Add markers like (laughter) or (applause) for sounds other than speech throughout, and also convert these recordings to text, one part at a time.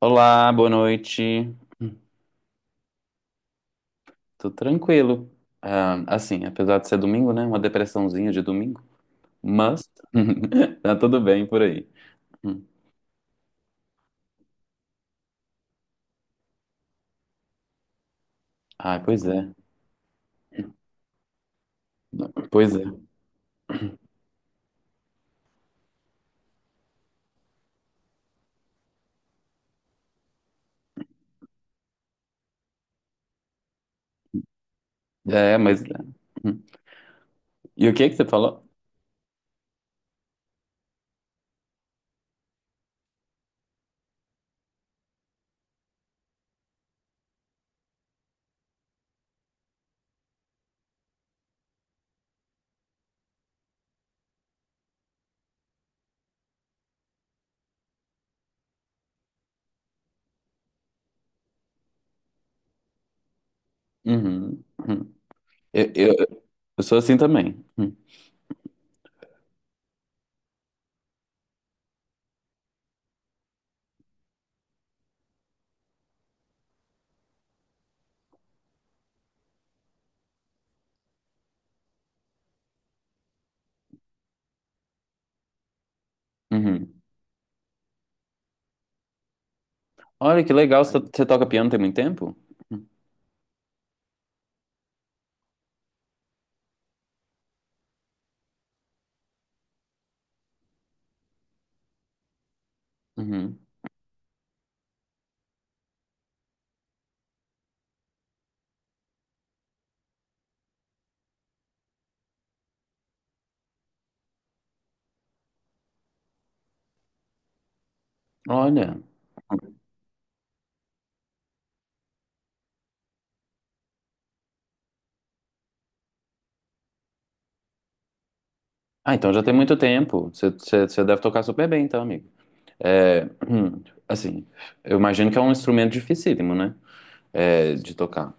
Olá, boa noite. Tô tranquilo. Ah, assim, apesar de ser domingo, né? Uma depressãozinha de domingo, mas (laughs) tá tudo bem por aí. Hum. Ah, pois é, pois é. É, mas. Hum. E o que é que você falou? Uhum. Uhum. Eu, eu, eu sou assim também. Uhum. Uhum. Olha que legal, você toca piano tem muito tempo? Hum, Uhum. Olha. Ah, então já tem muito tempo. Você deve tocar super bem, então, amigo. É, (clears throat) assim, eu imagino que é um instrumento dificílimo, né? É, de tocar.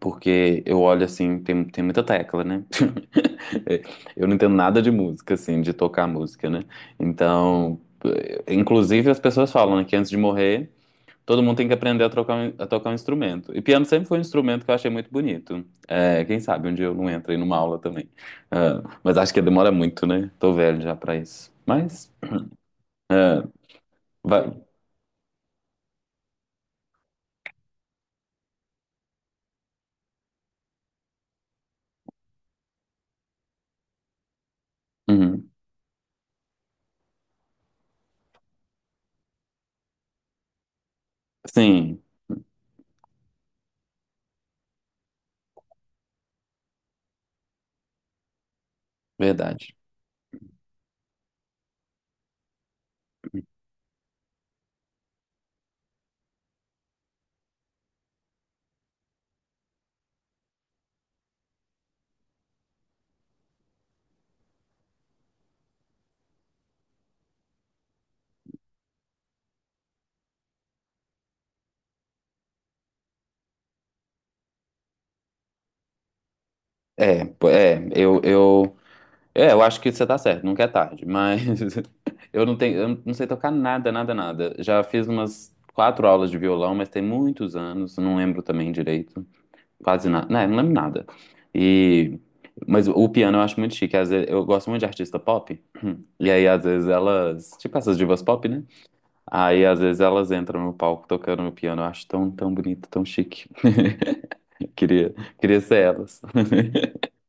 Porque eu olho assim, tem muita tecla, né? (laughs) É, eu não entendo nada de música, assim, de tocar música, né? Então, inclusive as pessoas falam, né, que antes de morrer, todo mundo tem que aprender a, trocar, a tocar um instrumento. E piano sempre foi um instrumento que eu achei muito bonito. É, quem sabe um dia eu não entro aí numa aula também. Ah, mas acho que demora muito, né? Tô velho já pra isso. Mas, ah, vai. Uhum. Sim. Verdade. É, pô, é, é, eu acho que você tá certo, nunca é tarde, mas (laughs) eu não tenho, eu não sei tocar nada, nada, nada. Já fiz umas quatro aulas de violão, mas tem muitos anos, não lembro também direito, quase nada, né, não lembro nada. E, mas o piano eu acho muito chique, às vezes, eu gosto muito de artista pop, e aí às vezes elas, tipo essas divas pop, né? Aí às vezes elas entram no palco tocando no piano, eu acho tão, tão bonito, tão chique. (laughs) Queria, queria ser elas. (laughs)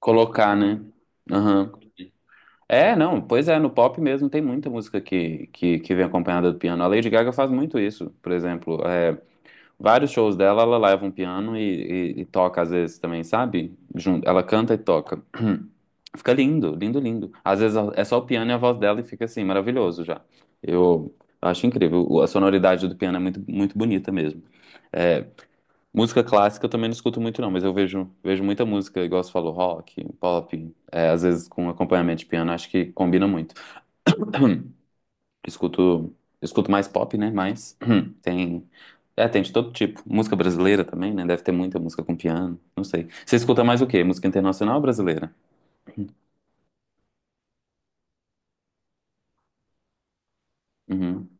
Colocar, né? Aham. É, não, pois é, no pop mesmo tem muita música que vem acompanhada do piano. A Lady Gaga faz muito isso, por exemplo. É, vários shows dela, ela leva um piano e toca às vezes também, sabe? Junto, ela canta e toca. (clears throat) Fica lindo, lindo, lindo. Às vezes é só o piano e a voz dela e fica assim, maravilhoso já. Eu acho incrível. A sonoridade do piano é muito, muito bonita mesmo. É, música clássica eu também não escuto muito, não, mas eu vejo, vejo muita música, igual você falou, rock, pop, é, às vezes com acompanhamento de piano, acho que combina muito. (clears throat) Escuto, escuto mais pop, né? Mas (clears throat) tem, é, tem de todo tipo. Música brasileira também, né? Deve ter muita música com piano, não sei. Você escuta mais o quê? Música internacional ou brasileira? Uhum,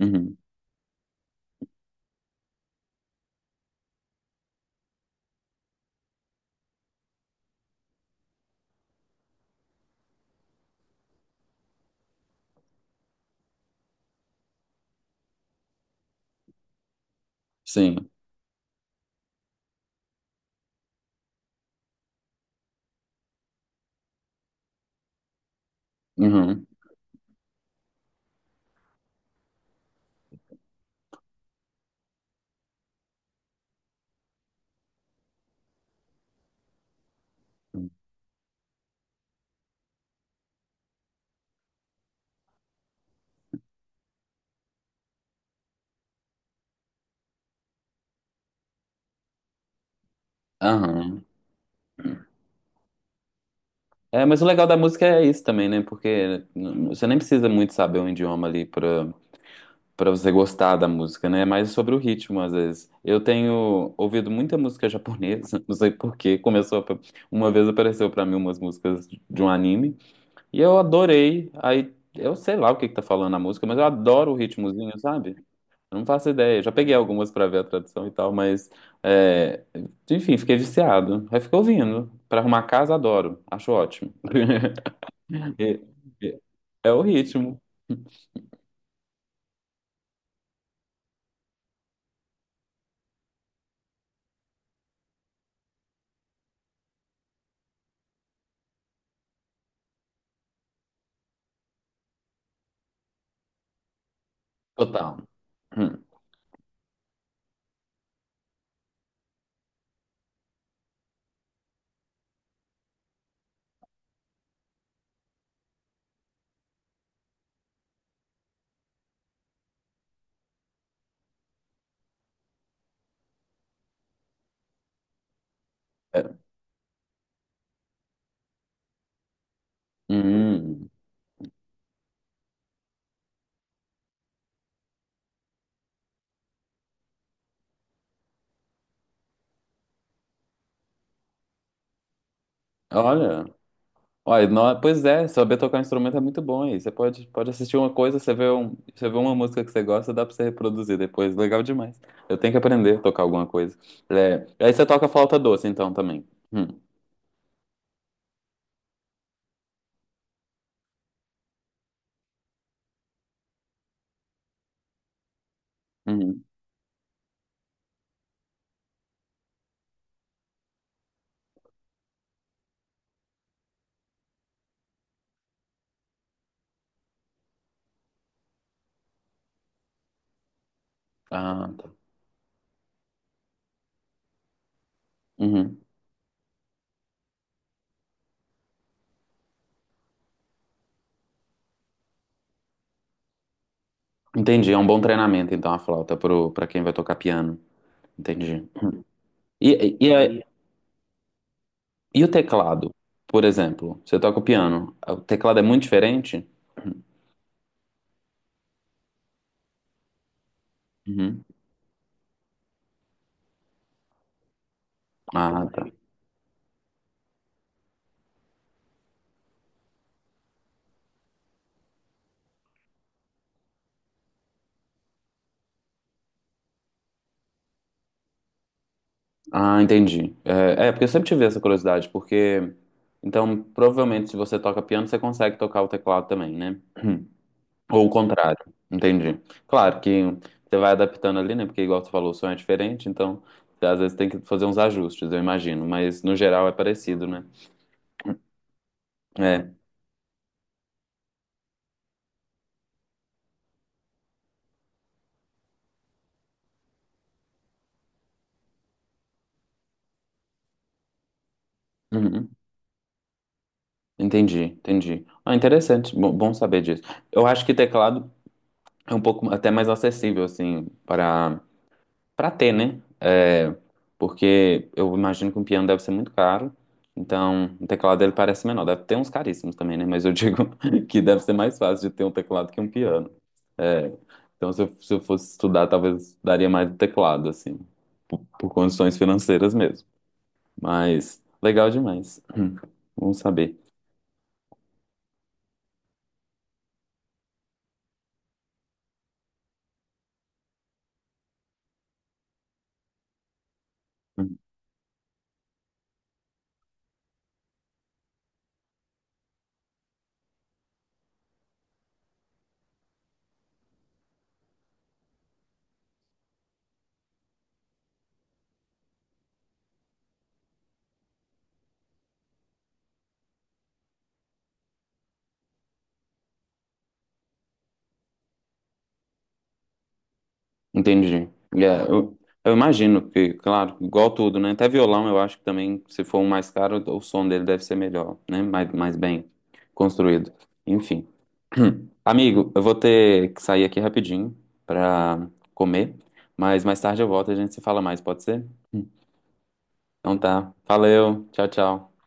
uhum, sim, uhum, aham. É, mas o legal da música é isso também, né? Porque você nem precisa muito saber um idioma ali pra para você gostar da música, né? É mais sobre o ritmo, às vezes. Eu tenho ouvido muita música japonesa, (laughs) não sei por quê. Uma vez apareceu para mim umas músicas de um anime e eu adorei. Aí eu sei lá o que que tá falando a música, mas eu adoro o ritmozinho, sabe? Eu não faço ideia. Já peguei algumas para ver a tradução e tal, mas é, enfim, fiquei viciado. Aí fico ouvindo. Para arrumar casa, adoro. Acho ótimo. (laughs) É, é- é o ritmo total. Hum, é. Hum. Olha. Olha, não, pois é, saber tocar um instrumento é muito bom aí. Você pode, pode assistir uma coisa, você vê uma música que você gosta, dá pra você reproduzir depois. Legal demais. Eu tenho que aprender a tocar alguma coisa. É, aí você toca flauta doce, então, também. Hum, uhum. Ah, tá. Uhum. Entendi, é um bom treinamento, então, a flauta pra quem vai tocar piano. Entendi. E, e, e, e o teclado, por exemplo? Você toca o piano, o teclado é muito diferente? Uhum. Ah, tá. Ah, entendi. Porque eu sempre tive essa curiosidade, porque então provavelmente se você toca piano, você consegue tocar o teclado também, né? Ou o contrário. Entendi. Claro que você vai adaptando ali, né? Porque igual você falou, o som é diferente, então você, às vezes tem que fazer uns ajustes, eu imagino, mas no geral é parecido, né? É. Uhum. Entendi, entendi. Ah, interessante. Bom, bom saber disso. Eu acho que teclado é um pouco até mais acessível assim para pra ter, né? É, porque eu imagino que um piano deve ser muito caro. Então, o teclado dele parece menor. Deve ter uns caríssimos também, né? Mas eu digo (laughs) que deve ser mais fácil de ter um teclado que um piano. É, então, se eu fosse estudar, talvez daria mais do teclado, assim, por condições financeiras mesmo. Mas, legal demais. (clears throat) Vamos saber. Entendi. É, eu imagino que, claro, igual tudo, né? Até violão, eu acho que também, se for um mais caro, o som dele deve ser melhor, né? Mais, mais bem construído. Enfim. (clears throat) Amigo, eu vou ter que sair aqui rapidinho pra comer, mas mais tarde eu volto e a gente se fala mais, pode ser? Então tá. Valeu. Tchau, tchau.